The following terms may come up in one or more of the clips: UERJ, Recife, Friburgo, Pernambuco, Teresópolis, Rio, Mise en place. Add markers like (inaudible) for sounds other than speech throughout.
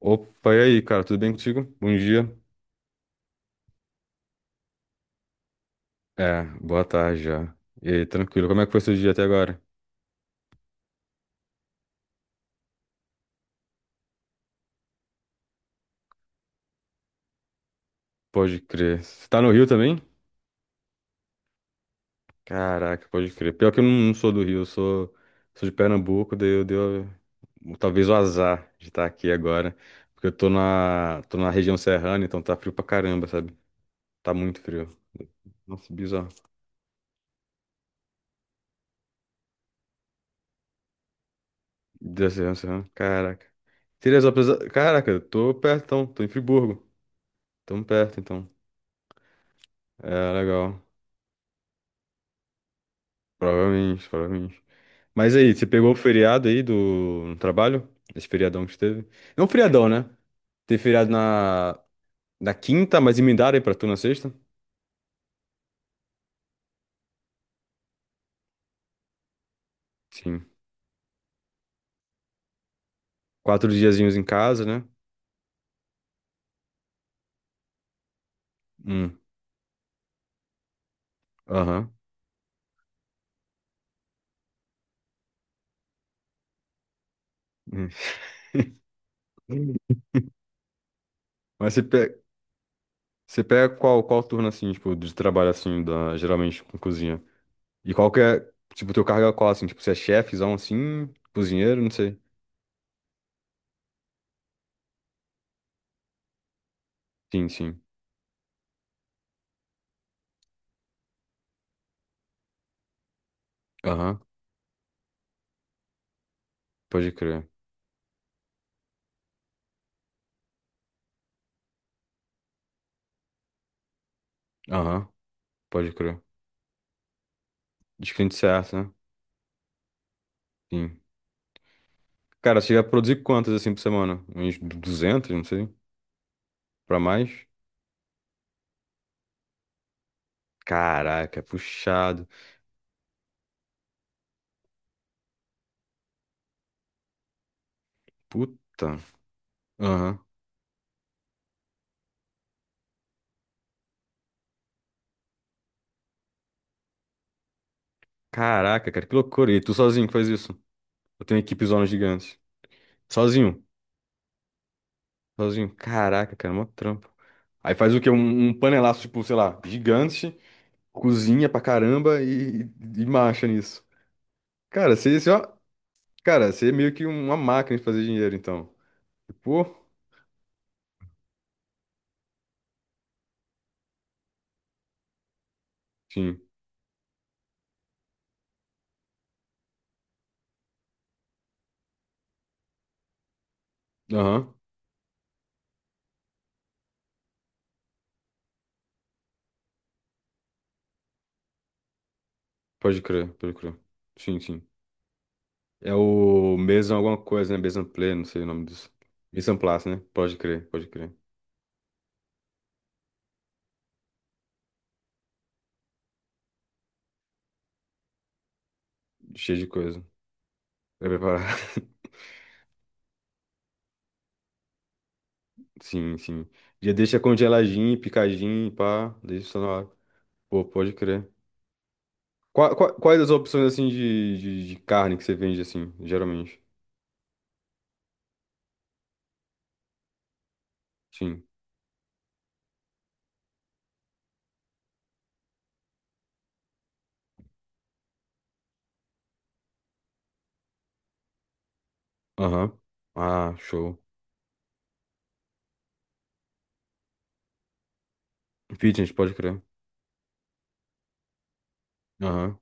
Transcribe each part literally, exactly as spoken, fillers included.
Opa, e aí, cara, tudo bem contigo? Bom dia. É, boa tarde já. E aí, tranquilo, como é que foi seu dia até agora? Pode crer. Você tá no Rio também? Caraca, pode crer. Pior que eu não, não sou do Rio, eu sou, sou de Pernambuco, daí eu deu talvez o azar de estar aqui agora, porque eu tô na, tô na região serrana, então tá frio pra caramba, sabe? Tá muito frio. Nossa, bizarro. Da região serrana, caraca. Teresópolis, caraca, eu tô perto, então, tô em Friburgo. Tamo perto, então. É, legal. Provavelmente, provavelmente. Mas aí, você pegou o feriado aí do no trabalho? Esse feriadão que teve? É um feriadão, né? Teve feriado na, na quinta, mas emendaram aí pra tu na sexta? Sim. Quatro diazinhos em casa, né? Hum, aham. (laughs) Hum. Mas você pega, você pega qual, qual turno, assim, tipo, de trabalho, assim, da, geralmente com cozinha? E qual que é, tipo, teu cargo é qual, assim? Tipo, você é chefezão, assim, cozinheiro, não sei. Sim, sim. Aham, pode crer. Aham, pode crer. Descrente certo, né? Sim. Cara, você ia produzir quantas assim por semana? Uns duzentos, não sei. Pra mais? Caraca, puxado. Puta. Aham. Caraca, cara, que loucura. E tu sozinho que faz isso? Eu tenho equipe zonas gigantes. Sozinho? Sozinho. Caraca, cara, mó trampo. Aí faz o quê? Um, um panelaço, tipo, sei lá, gigante, cozinha pra caramba e, e, e marcha nisso. Cara, você, você, ó, cara, você é meio que uma máquina de fazer dinheiro, então. Pô, sim. Aham. Pode crer, pode crer. Sim, sim. É o mesmo alguma coisa, né? mesmo Play, não sei o nome disso. Mise en place, né? Pode crer, pode crer. Cheio de coisa. Pra preparar. (laughs) Sim, sim. Já deixa congeladinho, picadinho, pá. Deixa só na hora. Pô, pode crer. Qua- qua- quais as opções, assim, de, de, de carne que você vende, assim, geralmente? Sim. Aham. Ah, show. Fitness, pode crer. Aham.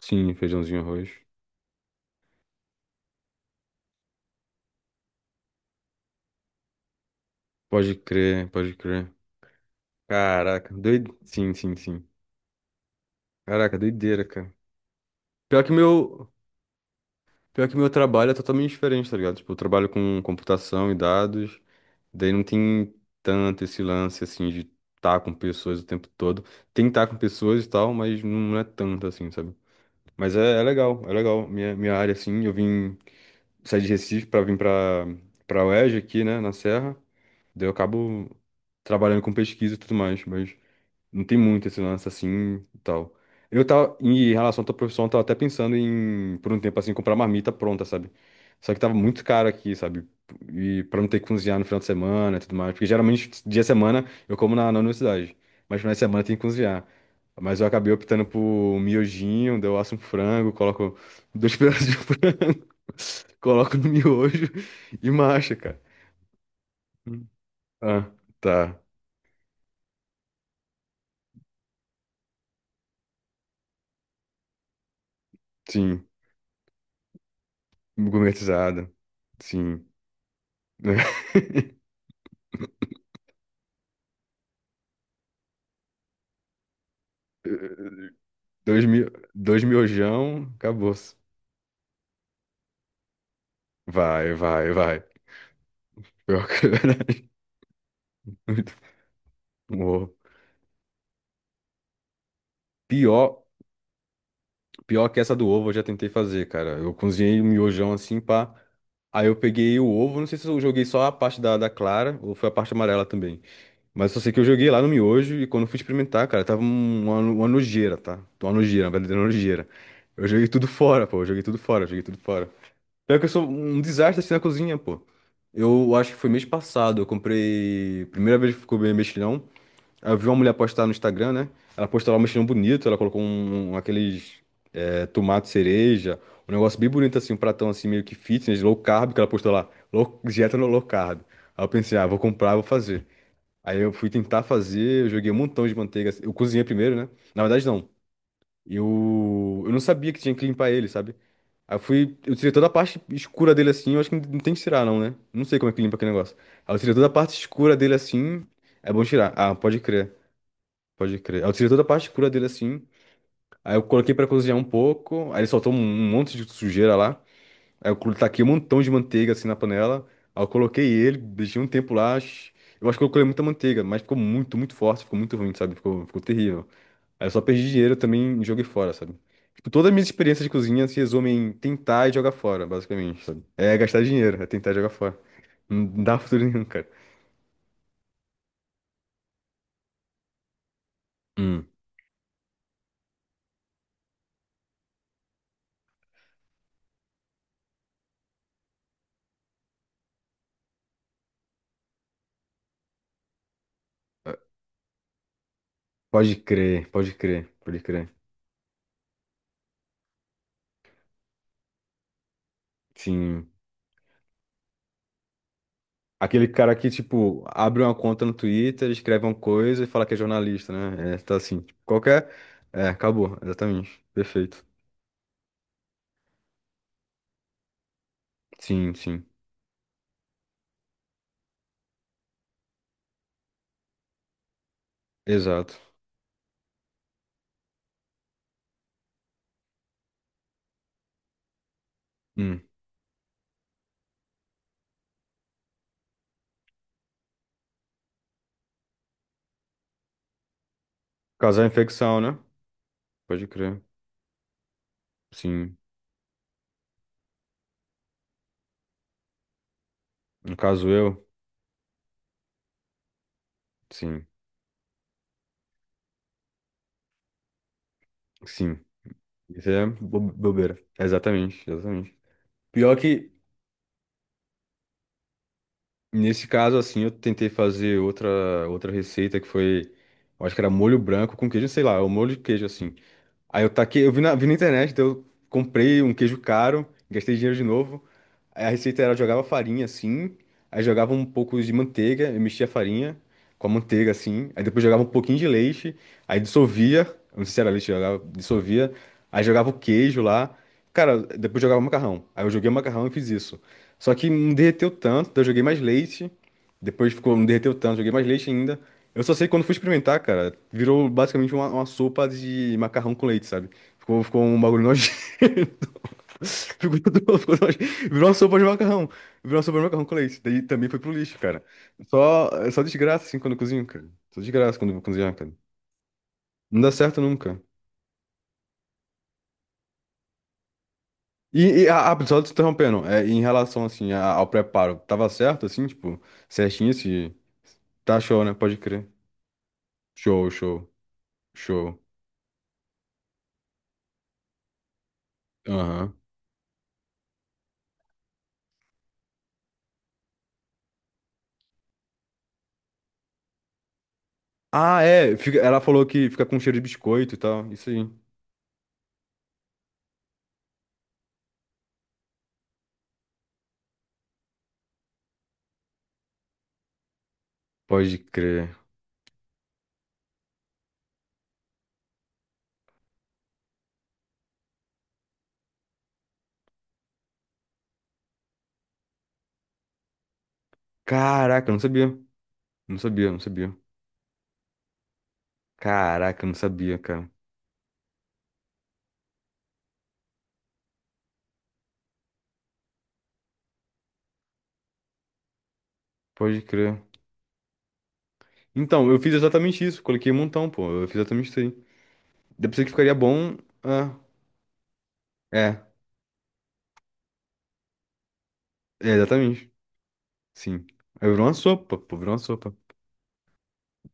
Sim, feijãozinho, arroz. Pode crer, pode crer. Caraca, doido. Sim, sim, sim. Caraca, doideira, cara. Pior que meu. Pior que meu trabalho é totalmente diferente, tá ligado? Tipo, eu trabalho com computação e dados, daí não tem tanto esse lance, assim, de estar com pessoas o tempo todo. Tem estar com pessoas e tal, mas não é tanto, assim, sabe? Mas é, é legal, é legal. Minha, minha área, assim, eu vim sair de Recife pra vir pra, pra UERJ aqui, né, na Serra. Daí eu acabo trabalhando com pesquisa e tudo mais, mas não tem muito esse lance assim e tal. Eu tava, em relação à tua profissão, eu tava até pensando em, por um tempo assim, comprar marmita pronta, sabe? Só que tava muito caro aqui, sabe? E pra não ter que cozinhar no final de semana e tudo mais. Porque geralmente, dia de semana, eu como na, na universidade. Mas final de semana tem que cozinhar. Mas eu acabei optando por um miojinho, daí eu asso um frango, coloco dois (laughs) pedaços de frango, (laughs) coloco no miojo e marcha, cara. Ah, tá. Sim. Gourmetizada. Sim. (laughs) Dois, mi... Dois miojão, acabou. Vai, vai, vai. Pior que... (laughs) verdade. Muito bom. Pior, pior que essa do ovo eu já tentei fazer, cara. Eu cozinhei o miojão assim, pá. Aí eu peguei o ovo, não sei se eu joguei só a parte da, da clara ou foi a parte amarela também. Mas só sei que eu joguei lá no miojo e quando eu fui experimentar, cara, tava um- uma, uma nojeira, tá? Uma nojeira, uma verdadeira nojeira. Eu joguei tudo fora, pô. Eu joguei tudo fora, eu joguei tudo fora. Pior que eu sou um desastre assim na cozinha, pô. Eu acho que foi mês passado, eu comprei. Primeira vez que eu comi mexilhão. Aí eu vi uma mulher postar no Instagram, né? Ela postou lá um mexilhão bonito, ela colocou um, um- aqueles é, tomate cereja, um negócio bem bonito assim, um pratão assim meio que fitness, low carb, que ela postou lá, low, dieta no low carb. Aí eu pensei, ah, vou comprar, vou fazer. Aí eu fui tentar fazer, eu joguei um montão de manteiga. Eu cozinhei primeiro, né? Na verdade, não. Eu, eu não sabia que tinha que limpar ele, sabe? Aí eu fui, eu tirei toda a parte escura dele assim, eu acho que não tem que tirar não, né? Não sei como é que limpa aquele negócio. Aí eu tirei toda a parte escura dele assim, é bom tirar. Ah, pode crer, pode crer. Aí eu tirei toda a parte escura dele assim, aí eu coloquei pra cozinhar um pouco, aí ele soltou um, um monte de sujeira lá. Aí eu colo- taquei um montão de manteiga assim na panela, aí eu coloquei ele, deixei um tempo lá. Sh- Eu acho que eu coloquei muita manteiga, mas ficou muito, muito forte, ficou muito ruim, sabe? Ficou, ficou terrível. Aí eu só perdi dinheiro também e joguei fora, sabe? Tipo, todas as minhas experiências de cozinha se resumem em tentar e jogar fora, basicamente, sabe? É gastar dinheiro, é tentar e jogar fora. Não dá futuro nenhum, cara. Hum. eh, Pode crer, pode crer, pode crer. Sim. Aquele cara que, tipo, abre uma conta no Twitter, escreve uma coisa e fala que é jornalista, né? É, tá assim. Tipo, qualquer. É, acabou, exatamente. Perfeito. Sim, sim. Exato. Hum. Causar infecção, né? Pode crer. Sim. No caso eu, sim. Sim. Isso é bo- bobeira. Exatamente, exatamente. Pior que, nesse caso, assim, eu tentei fazer outra, outra receita que foi. Eu Acho que era molho branco com queijo, sei lá, o molho de queijo, assim. Aí eu taquei, eu vi na, vi na internet, então eu comprei um queijo caro, gastei dinheiro de novo. Aí a receita era, eu jogava farinha assim, aí jogava um pouco de manteiga, eu mexia a farinha com a manteiga assim, aí depois jogava um pouquinho de leite, aí dissolvia, eu não sei se era leite, jogava, dissolvia, aí jogava o queijo lá. Cara, depois jogava macarrão. Aí eu joguei o macarrão e fiz isso. Só que não derreteu tanto, daí eu joguei mais leite, depois ficou, não derreteu tanto, joguei mais leite ainda. Eu só sei que quando fui experimentar, cara, virou basicamente uma, uma sopa de macarrão com leite, sabe? Ficou, ficou um bagulho nojento. (laughs) Ficou tudo, ficou nojento. Virou uma sopa de macarrão. Virou uma sopa de macarrão com leite. Daí também foi pro lixo, cara. Só, é só desgraça, assim, quando eu cozinho, cara. Só desgraça quando eu vou cozinhar, cara. Não dá certo nunca. E, e ah, ah, só te interrompendo, é, em relação, assim, a- ao preparo, tava certo, assim, tipo, certinho se Tá show, né? Pode crer. Show, show, show. Aham. Ah, é. fica- ela falou que fica com cheiro de biscoito e tal. Isso aí. Pode crer. Caraca, eu não sabia. Não sabia, não sabia. Caraca, eu não sabia, cara. Pode crer. Então, eu fiz exatamente isso. Coloquei um montão, pô. Eu fiz exatamente isso aí. Deve ser que ficaria bom. É. É. É, exatamente. Sim. Aí virou uma sopa, pô. Virou uma sopa.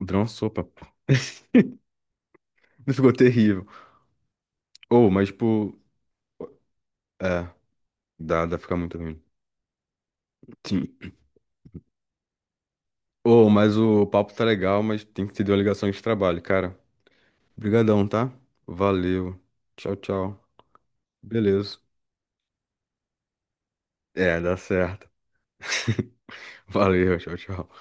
Virou uma sopa. Pô. (laughs) Ficou terrível. Ou, mas, tipo. É. Dá, dá pra ficar muito ruim. Sim. Ô, mas o papo tá legal, mas tem que ter uma ligação de trabalho, cara. Obrigadão, tá? Valeu. Tchau, tchau. Beleza. É, dá certo. (laughs) Valeu, tchau, tchau.